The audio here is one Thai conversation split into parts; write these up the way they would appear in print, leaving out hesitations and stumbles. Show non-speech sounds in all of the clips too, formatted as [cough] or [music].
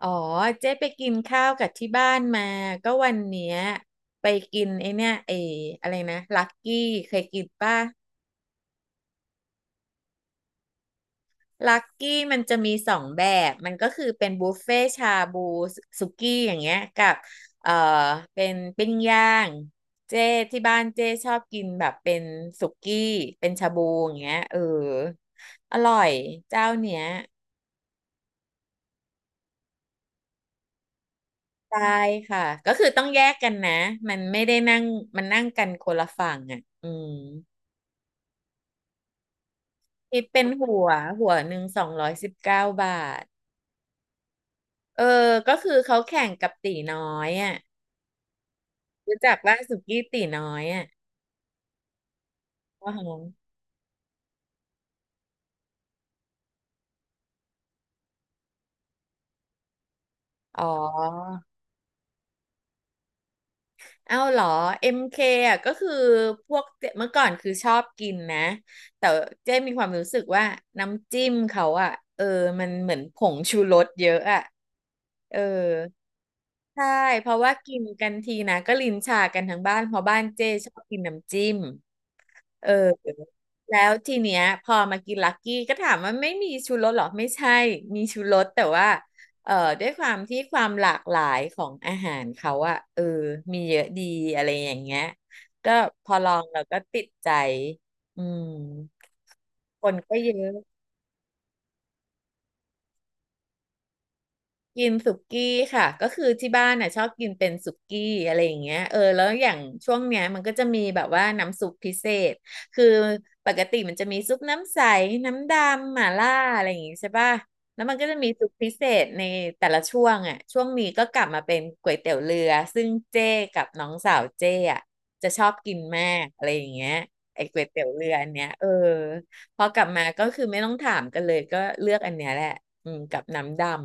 อ๋อเจ๊ไปกินข้าวกับที่บ้านมาก็วันเนี้ยไปกินไอเนี่ยไออะไรนะลักกี้เคยกินป่ะลักกี้มันจะมีสองแบบมันก็คือเป็นบุฟเฟ่ชาบูสุกี้อย่างเงี้ยกับเอ่อเป็นปิ้งย่างเจ๊ที่บ้านเจ๊ชอบกินแบบเป็นสุกี้เป็นชาบูอย่างเงี้ยเอออร่อยเจ้าเนี้ยได้ค่ะก็คือต้องแยกกันนะมันไม่ได้นั่งมันนั่งกันคนละฝั่งอ่ะอืม คิดเป็นหัวหัวหนึ่ง219 บาทเออก็คือเขาแข่งกับตีน้อยอ่ะรู้จักว่าสุกี้ตีน้อยอ่ะว่าฮหอ๋อเอ้าเหรอ MK อมเคอ่ะก็คือพวกเจ๊เมื่อก่อนคือชอบกินนะ แต่เจ๊มีความรู้สึกว่าน้ำจิ้มเขาอ่ะเออมันเหมือนผงชูรสเยอะอ่ะเออใช่ เพราะว่ากินกันทีนะก็ลิ้นชากันทั้งบ้านเพราะบ้านเจ๊ชอบกินน้ำจิ้ม เออแล้วทีเนี้ยพอมากินลักกี้ก็ถามว่าไม่มีชูรสเหรอไม่ใช่มีชูรสแต่ว่าเอ่อด้วยความที่ความหลากหลายของอาหารเขาอะเออมีเยอะดีอะไรอย่างเงี้ยก็พอลองเราก็ติดใจอืมคนก็เยอะ กินสุกี้ค่ะก็คือที่บ้านน่ะชอบกินเป็นสุกี้อะไรอย่างเงี้ยเออแล้วอย่างช่วงเนี้ยมันก็จะมีแบบว่าน้ำซุปพิเศษคือปกติมันจะมีซุปน้ำใสน้ำดำหม่าล่าอะไรอย่างงี้ใช่ป่ะแล้วมันก็จะมีซุปพิเศษในแต่ละช่วงอ่ะช่วงนี้ก็กลับมาเป็นก๋วยเตี๋ยวเรือซึ่งเจ้กับน้องสาวเจ้อ่ะจะชอบกินมากอะไรอย่างเงี้ยไอ้ก๋วยเตี๋ยวเรืออันเนี้ยเออพอกลับมาก็คือไม่ต้องถามกันเลยก็เลือกอันเนี้ยแหละอืมกับน้ำดำ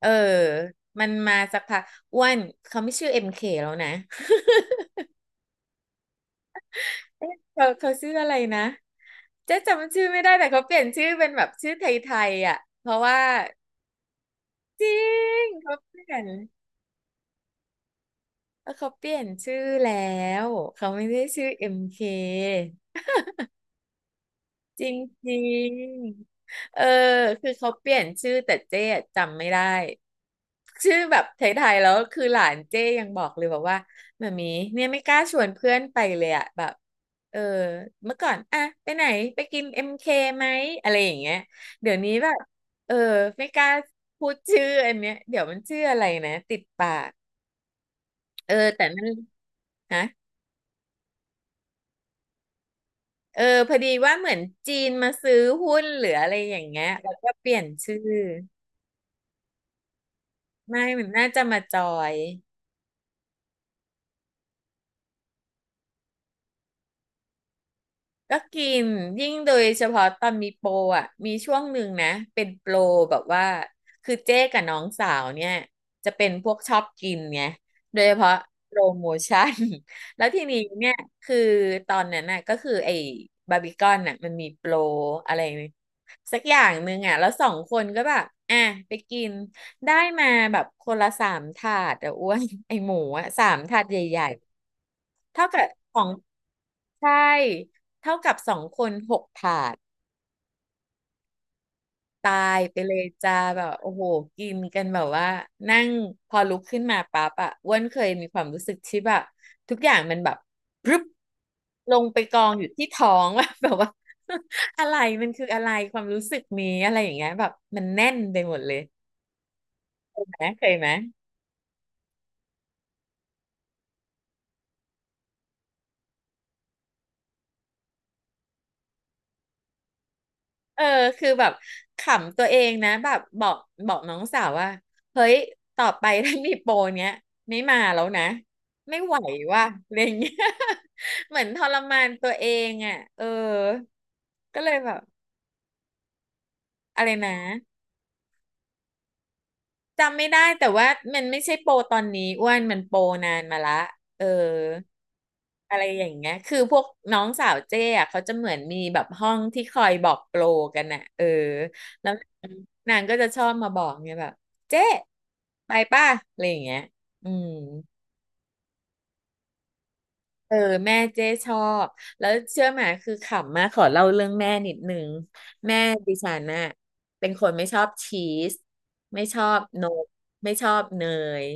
เออมันมาสักพักอ้วนเขาไม่ชื่อเอ็มเคแล้วนะ [laughs] เขาชื่ออะไรนะเจ๊จำชื่อไม่ได้แต่เขาเปลี่ยนชื่อเป็นแบบชื่อไทยๆอ่ะเพราะว่าจริงเขาเปลี่ยนเออเขาเปลี่ยนชื่อแล้วเขาไม่ได้ชื่อเอ็มเค จริงจริงเออคือเขาเปลี่ยนชื่อแต่เจ๊อะจำไม่ได้ชื่อแบบไทยๆแล้วคือหลานเจ๊ยังบอกเลยบอกว่ามามีเนี่ยไม่กล้าชวนเพื่อนไปเลยอะแบบเออเมื่อก่อนอะไปไหนไปกินเอ็มเคไหมอะไรอย่างเงี้ยเดี๋ยวนี้แบบเออไม่กล้าพูดชื่ออันเนี้ยเดี๋ยวมันชื่ออะไรนะติดปากเออแต่นั่นฮะเออพอดีว่าเหมือนจีนมาซื้อหุ้นหรืออะไรอย่างเงี้ยแล้วก็เปลี่ยนชื่อ ไม่มันน่าจะมาจอยก็กินยิ่งโดยเฉพาะตอนมีโปรอ่ะมีช่วงหนึ่งนะเป็นโปรแบบว่าคือเจ๊กับน้องสาวเนี่ยจะเป็นพวกชอบกินไงโดยเฉพาะโปรโมชั่น [laughs] แล้วทีนี้เนี่ยคือตอนนั้นน่ะก็คือไอ้บาร์บีคอนน่ะมันมีโปรอะไรสักอย่างหนึ่งอ่ะแล้วสองคนก็แบบอ่ะไปกินได้มาแบบคนละสามถาดอ่ะอ้วนไอ้หมูอ่ะสามถาดใหญ่ๆ เท่ากับของใช่เท่ากับสองคนหกถาดตายไปเลยจ้าแบบโอ้โหกินกันแบบว่านั่งพอลุกขึ้นมาปั๊บอะอ้วนเคยมีความรู้สึกที่แบบทุกอย่างมันแบบพรึบลงไปกองอยู่ที่ท้อง [laughs] ว่าแบบว่า [laughs] อะไรมันคืออะไรความรู้สึกนี้อะไรอย่างเงี้ยแบบมันแน่นไปหมดเลยนะเคยไหม เออคือแบบขำตัวเองนะแบบบอกน้องสาวว่าเฮ้ยต่อไปถ้ามีโปรเนี้ยไม่มาแล้วนะไม่ไหวว่ะอะไรอย่างเงี้ย [laughs] เหมือนทรมานตัวเองอ่ะเออก็เลยแบบอะไรนะ จำไม่ได้แต่ว่ามันไม่ใช่โปรตอนนี้อ้วนมันโปรนานมาละเอออะไรอย่างเงี้ยคือพวกน้องสาวเจ้อะเขาจะเหมือนมีแบบห้องที่คอยบอกโปรกันน่ะเออแล้วนางก็จะชอบมาบอกไงแบบเจ้ไปป่ะอะไรอย่างเงี้ยอืม เออแม่เจ๊ชอบแล้วเชื่อไหมคือขำมากขอเล่าเรื่องแม่นิดนึงแม่ดิฉันน่ะเป็นคนไม่ชอบชีสไม่ชอบนมไม่ชอบเนย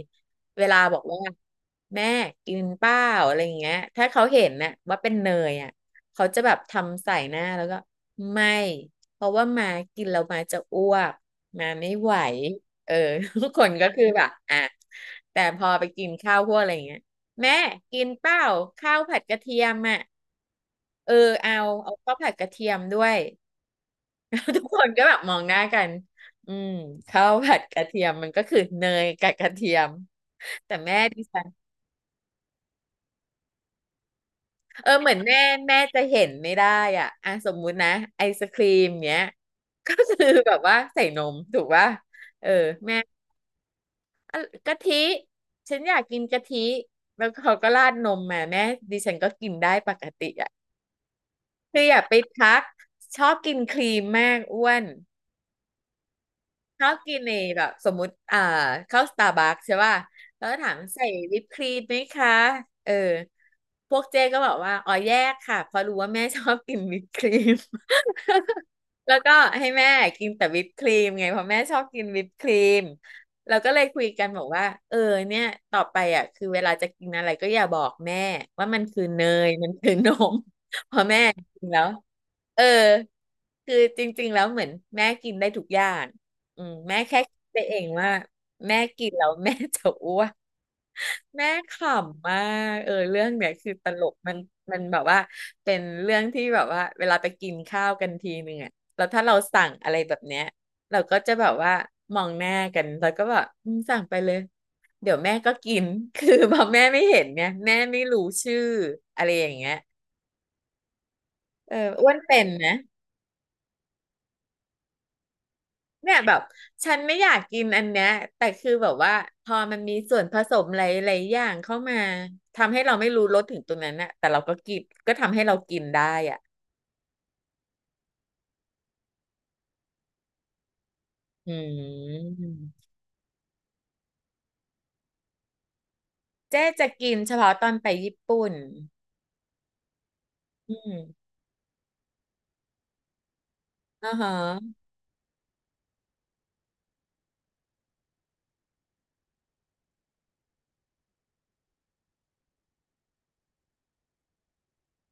เวลาบอกว่าแม่กินเปล่าอะไรอย่างเงี้ยถ้าเขาเห็นน่ะว่าเป็นเนยอ่ะเขาจะแบบทำใส่หน้าแล้วก็ไม่เพราะว่ามากินแล้วมาจะอ้วกมาไม่ไหวเออ [laughs] ทุกคนก็คือแบบอ่ะแต่พอไปกินข้าวพวกอะไรอย่างเงี้ย แม่กินเปล่าข้าวผัดกระเทียมอ่ะเออเอาเอาข้าวผัดกระเทียมด้วย [laughs] ทุกคนก็แบบมองหน้ากันอืมข้าวผัดกระเทียมมันก็คือเนยกับกระเทียมแต่แม่ดิฉันเออเหมือนแม่แม่จะเห็นไม่ได้อ่ะอ่ะสมมุตินะไอศครีมเนี้ยก็คือแบบว่าใส่นมถูกป่ะเออแม่อ่ะกะทิฉันอยากกินกะทิแล้วเขาก็ราดนมมาแม่ดิฉันก็กินได้ปกติอ่ะ คืออย่าไปทักชอบกินครีมมากอ้วนชอบกินในแบบสมมุติเข้าสตาร์บัคใช่ป่ะแล้วก็ถามใส่วิปครีมไหมคะเออพวกเจ๊ก็บอกว่าอ๋อแยกค่ะเพราะรู้ว่าแม่ชอบกินวิปครีม [laughs] แล้วก็ให้แม่กินแต่วิปครีมไงเพราะแม่ชอบกินวิปครีมเราก็เลยคุยกันบอกว่าเออเนี่ยต่อไปอ่ะคือเวลาจะกินอะไรก็อย่าบอกแม่ว่ามันคือเนยมันคือ [laughs] นม จริงแล้วเออคือจริงๆแล้วเหมือนแม่กินได้ทุกอย่างอืมแม่แค่คิดไปเองว่าแม่กินแล้ว [laughs] แม่จะอ้วนแม่ขำมากเออเรื่องเนี้ยคือตลกมันแบบว่าเป็นเรื่องที่แบบว่าเวลาไปกินข้าวกันทีนึงอะแล้วถ้าเราสั่งอะไรแบบเนี้ยเราก็จะแบบว่ามองหน้ากันแล้วก็แบบอืมสั่งไปเลยเดี๋ยวแม่ก็กิน [laughs] คือพอแม่ไม่เห็นเนี่ยแม่ไม่รู้ชื่ออะไรอย่างเงี้ยเอออ้วนเป็นนะ เนี่ยแบบฉันไม่อยากกินอันเนี้ยแต่คือแบบว่าพอมันมีส่วนผสมหลายๆอย่างเข้ามาทำให้เราไม่รู้รสถึงตรงนั้นน่ะแต่เราก็กินก็ทำให้เรากินได้อ่ะอืมเจ๊จะกินเฉพาะตอนไปญี่ปุ่นอืมอ่าฮะ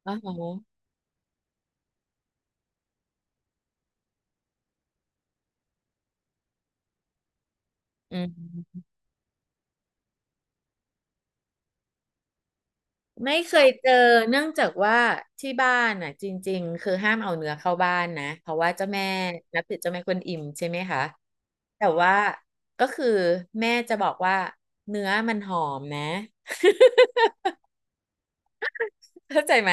อ่าฮะอืม ไม่เคยเจอเนื่องจากว่าที่บ้านน่ะจริงๆคือห้ามเอาเนื้อเข้าบ้านนะเพราะว่าเจ้าแม่นับถือเจ้าแม่กวนอิมใช่ไหมคะแต่ว่าก็คือแม่จะบอกว่าเนื้อมันหอมนะ [laughs] เข้าใจไหม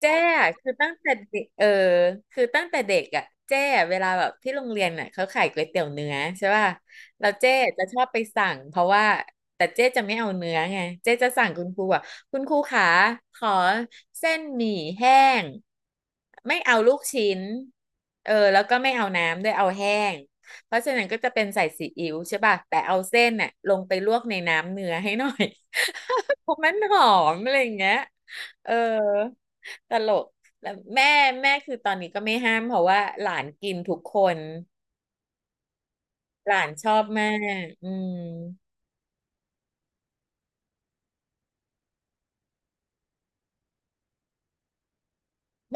แจ้คือตั้งแต่เด็กเออคือตั้งแต่เด็กอ่ะแจ้เวลาแบบที่โรงเรียนน่ะเขาขายก๋วยเตี๋ยวเนื้อใช่ป่ะแล้วเจ้จะชอบไปสั่งเพราะว่าแต่เจ้จะไม่เอาเนื้อไงเจ้จะสั่งคุณครูอ่ะคุณครูขาขอเส้นหมี่แห้งไม่เอาลูกชิ้นเออแล้วก็ไม่เอาน้ำด้วยเอาแห้งเพราะฉะนั้นก็จะเป็นใส่ซีอิ๊วใช่ป่ะแต่เอาเส้นน่ะลงไปลวกในน้ำเนื้อให้หน่อย [laughs] เพราะมันหอมอะไรอย่างเงี้ยเออ ตลกแล้วแม่แม่คือตอนนี้ก็ไม่ห้ามเพราะว่าหลานกินทุกคนหลานชอบมากอืม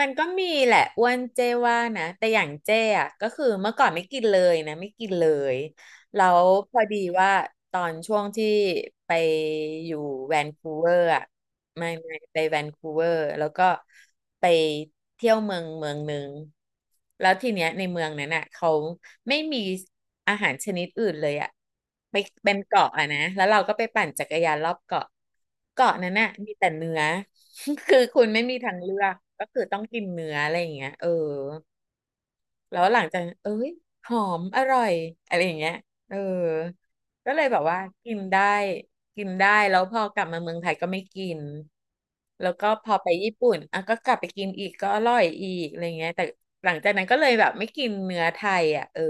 มันก็มีแหละอ้วนเจ้ว่านะแต่อย่างเจ้อะก็คือเมื่อก่อนไม่กินเลยนะไม่กินเลยแล้วพอดีว่าตอนช่วงที่ไปอยู่แวนคูเวอร์อะ ไม่ไปแวนคูเวอร์แล้วก็ไปเที่ยวเมืองหนึ่งแล้วทีเนี้ยในเมืองนั้นน่ะเขาไม่มีอาหารชนิดอื่นเลยอะไปเป็นเกาะอะนะแล้วเราก็ไปปั่นจักรยานรอบเกาะเกาะนั้นน่ะมีแต่เนื้อ [laughs] คือคุณไม่มีทางเลือกก็คือต้องกินเนื้ออะไรอย่างเงี้ยเออ แล้วหลังจากนั้นเอ้ยหอมอร่อยอะไรอย่างเงี้ยเออก็เลยแบบว่ากินได้กินได้แล้วพอกลับมาเมืองไทยก็ไม่กินแล้วก็พอไปญี่ปุ่นอ่ะก็กลับไปกินอีกก็อร่อยอีกอะไรเงี้ยแต่หลังจากนั้นก็เลยแบบไม่กินเนื้อไทยอ่ะเออ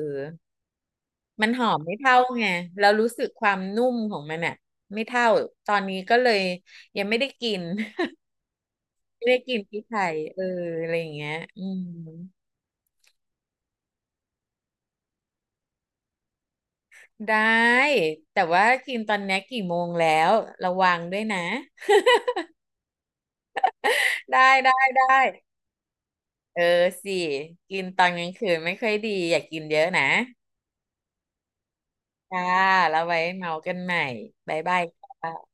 มันหอมไม่เท่าไงแล้วรู้สึกความนุ่มของมันอ่ะไม่เท่าตอนนี้ก็เลยยังไม่ได้กิน [laughs] ไม่ได้กินที่ไทยเอออะไรอย่างเงี้ยอืม ได้แต่ว่ากินตอนนี้กี่โมงแล้วระวังด้วยนะได้ได้ได้เออสิกินตอนกลางคืนไม่ค่อยดีอย่ากินเยอะนะจ้าแล้วไว้เมากันใหม่บ๊ายบายจ้า